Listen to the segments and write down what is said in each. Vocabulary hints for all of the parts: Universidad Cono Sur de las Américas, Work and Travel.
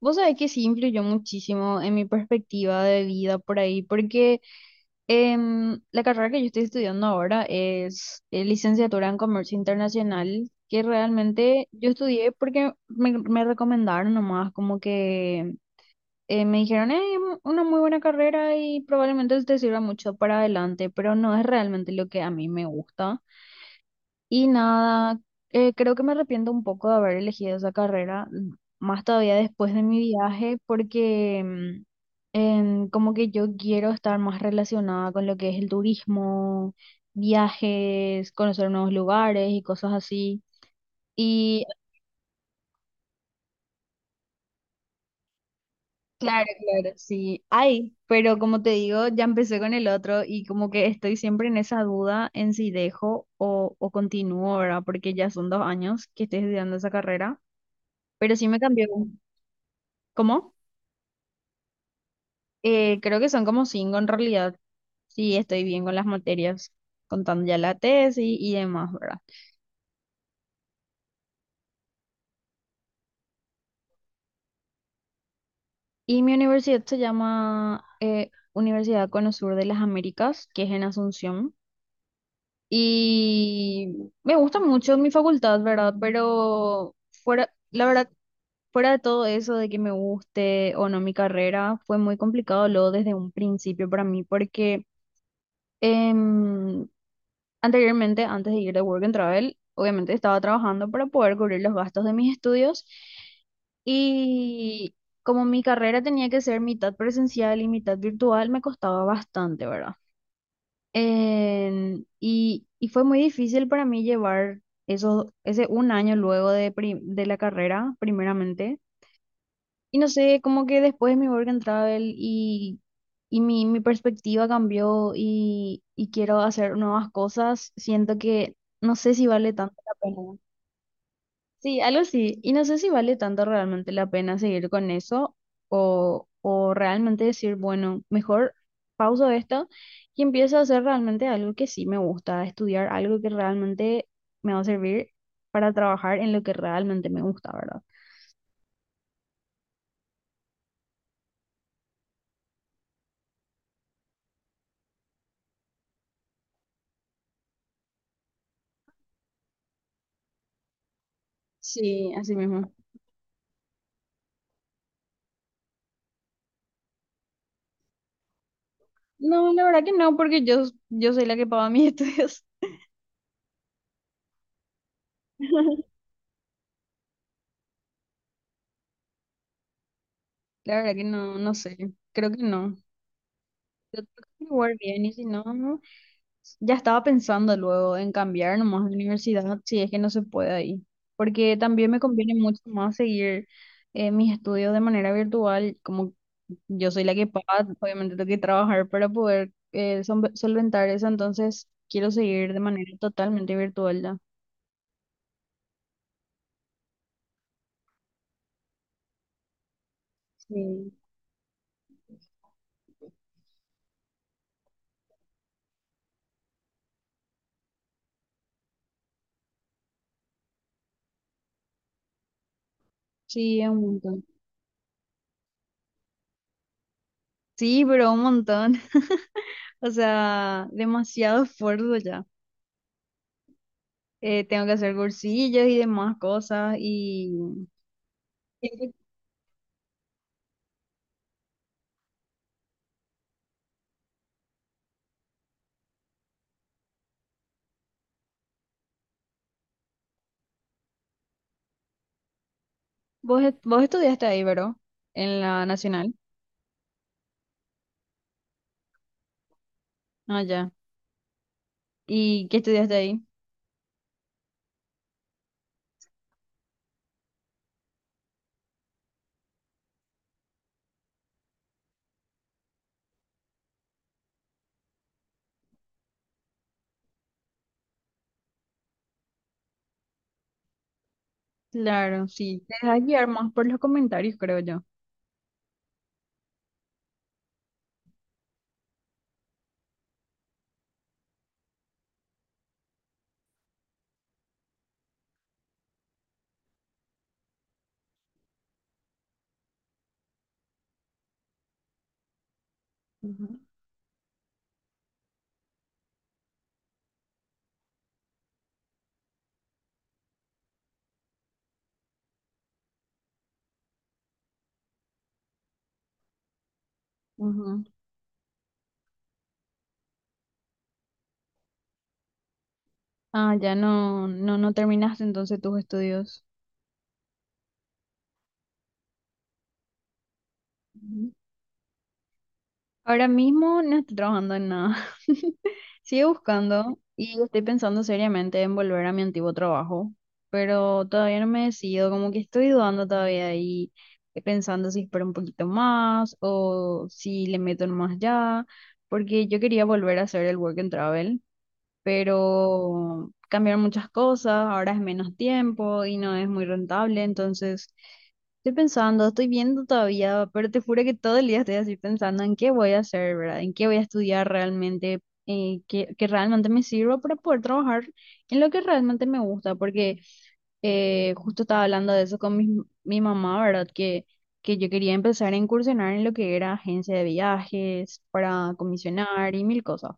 Vos sabés que sí influyó muchísimo en mi perspectiva de vida por ahí, porque la carrera que yo estoy estudiando ahora es licenciatura en comercio internacional, que realmente yo estudié porque me recomendaron nomás, como que me dijeron, es una muy buena carrera y probablemente te sirva mucho para adelante, pero no es realmente lo que a mí me gusta. Y nada, creo que me arrepiento un poco de haber elegido esa carrera, más todavía después de mi viaje, porque como que yo quiero estar más relacionada con lo que es el turismo, viajes, conocer nuevos lugares y cosas así. Y claro, claro, sí, hay, pero como te digo, ya empecé con el otro y como que estoy siempre en esa duda en si dejo o continúo, ¿verdad? Porque ya son 2 años que estoy estudiando esa carrera. Pero sí me cambió. ¿Cómo? Creo que son como 5 en realidad. Sí, estoy bien con las materias, contando ya la tesis y demás, ¿verdad? Y mi universidad se llama Universidad Cono Sur de las Américas, que es en Asunción. Y me gusta mucho mi facultad, ¿verdad? Pero fuera, la verdad, fuera de todo eso de que me guste o no mi carrera, fue muy complicado luego desde un principio para mí. Em, Anteriormente, antes de ir de Work and Travel, obviamente estaba trabajando para poder cubrir los gastos de mis estudios y como mi carrera tenía que ser mitad presencial y mitad virtual, me costaba bastante, ¿verdad? Y fue muy difícil para mí llevar eso, ese un año luego de la carrera, primeramente. Y no sé, como que después mi work and travel y mi perspectiva cambió y quiero hacer nuevas cosas, siento que no sé si vale tanto la pena. Sí, algo así. Y no sé si vale tanto realmente la pena seguir con eso o realmente decir, bueno, mejor pauso esto y empiezo a hacer realmente algo que sí me gusta, estudiar algo que realmente me va a servir para trabajar en lo que realmente me gusta, ¿verdad? Sí, así mismo. No, la verdad que no, porque yo soy la que paga mis estudios. La verdad que no, no sé, creo que no. Yo tengo que averiguar bien y si no, no. Ya estaba pensando luego en cambiar nomás de universidad, si es que no se puede ahí. Porque también me conviene mucho más seguir mis estudios de manera virtual, como yo soy la que paga, obviamente tengo que trabajar para poder solventar eso, entonces quiero seguir de manera totalmente virtual ya. Sí, sí, es un montón. Sí, pero un montón. O sea, demasiado esfuerzo ya. Tengo que hacer cursillos y demás cosas. Y ¿Qué- vos estudiaste ahí, ¿verdad? En la Nacional. Ah, ya. ¿Y qué estudiaste ahí? Claro, sí. Te dejas guiar más por los comentarios, creo yo. Ujú, ujú. Ah, ya no, no, no terminaste entonces tus estudios. Ahora mismo no estoy trabajando en nada. Sigo buscando y estoy pensando seriamente en volver a mi antiguo trabajo, pero todavía no me decido, como que estoy dudando todavía y pensando si espero un poquito más o si le meto más ya, porque yo quería volver a hacer el work and travel, pero cambiaron muchas cosas, ahora es menos tiempo y no es muy rentable, entonces estoy pensando, estoy viendo todavía, pero te juro que todo el día estoy así pensando en qué voy a hacer, ¿verdad? En qué voy a estudiar realmente, que realmente me sirva para poder trabajar en lo que realmente me gusta, porque justo estaba hablando de eso con mi mamá, ¿verdad? Que yo quería empezar a incursionar en lo que era agencia de viajes, para comisionar y mil cosas.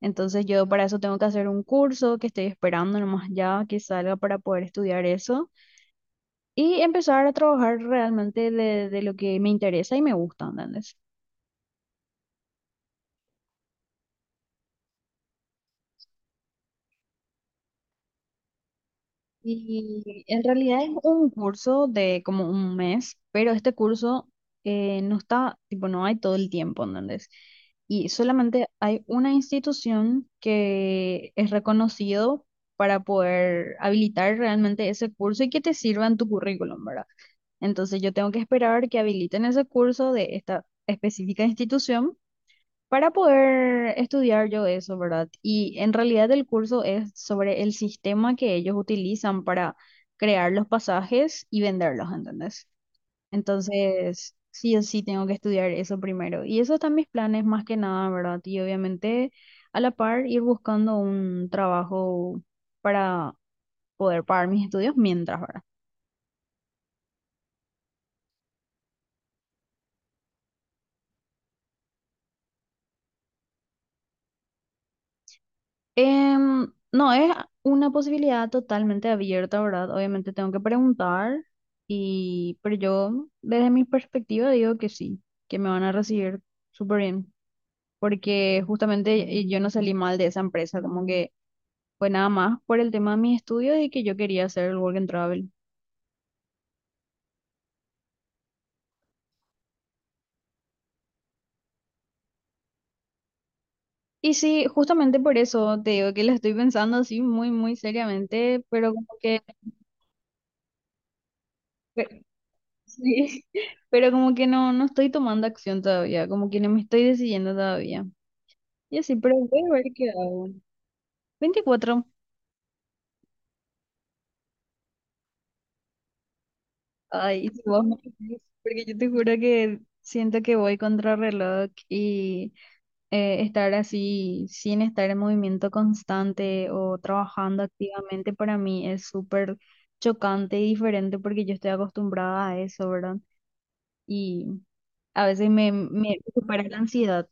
Entonces yo para eso tengo que hacer un curso que estoy esperando nomás ya que salga para poder estudiar eso y empezar a trabajar realmente de lo que me interesa y me gusta, ¿entendés? Y en realidad es un curso de como un mes, pero este curso no está, tipo, no hay todo el tiempo, ¿entendés? Y solamente hay una institución que es reconocido para poder habilitar realmente ese curso y que te sirva en tu currículum, ¿verdad? Entonces yo tengo que esperar que habiliten ese curso de esta específica institución para poder estudiar yo eso, ¿verdad? Y en realidad el curso es sobre el sistema que ellos utilizan para crear los pasajes y venderlos, ¿entendés? Entonces, sí o sí tengo que estudiar eso primero. Y esos están mis planes más que nada, ¿verdad? Y obviamente a la par ir buscando un trabajo para poder pagar mis estudios mientras, ¿verdad? No, es una posibilidad totalmente abierta, ¿verdad? Obviamente tengo que preguntar, pero yo desde mi perspectiva digo que sí, que me van a recibir súper bien, porque justamente yo no salí mal de esa empresa, como que fue nada más por el tema de mis estudios y que yo quería hacer el work and travel. Y sí, justamente por eso te digo que lo estoy pensando así muy, muy seriamente, pero como que... Sí, pero como que no, no estoy tomando acción todavía, como que no me estoy decidiendo todavía. Y así, pero voy a ver qué hago. 24. Ay, si vos me decís, porque yo te juro que siento que voy contra reloj y estar así sin estar en movimiento constante o trabajando activamente para mí es súper chocante y diferente porque yo estoy acostumbrada a eso, ¿verdad? Y a veces me supera la ansiedad.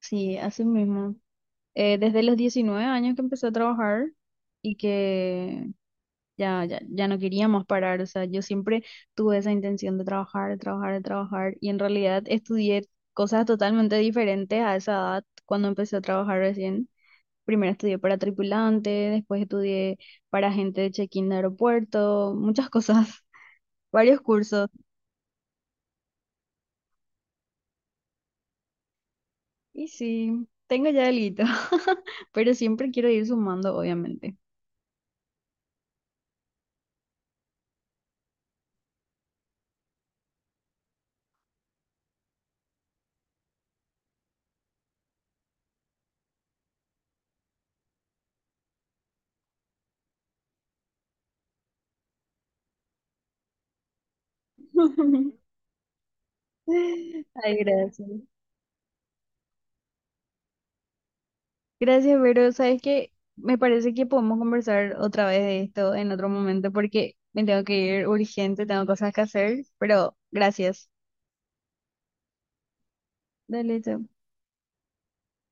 Sí, así mismo. Desde los 19 años que empecé a trabajar y que ya, ya, ya no quería más parar. O sea, yo siempre tuve esa intención de trabajar, de trabajar, de trabajar y en realidad estudié cosas totalmente diferentes a esa edad cuando empecé a trabajar recién. Primero estudié para tripulante, después estudié para gente de check-in de aeropuerto, muchas cosas, varios cursos. Y sí, tengo ya delito, pero siempre quiero ir sumando, obviamente. Ay, gracias. Gracias, Vero. Sabes que me parece que podemos conversar otra vez de esto en otro momento porque me tengo que ir urgente, tengo cosas que hacer, pero gracias. Dale, chao.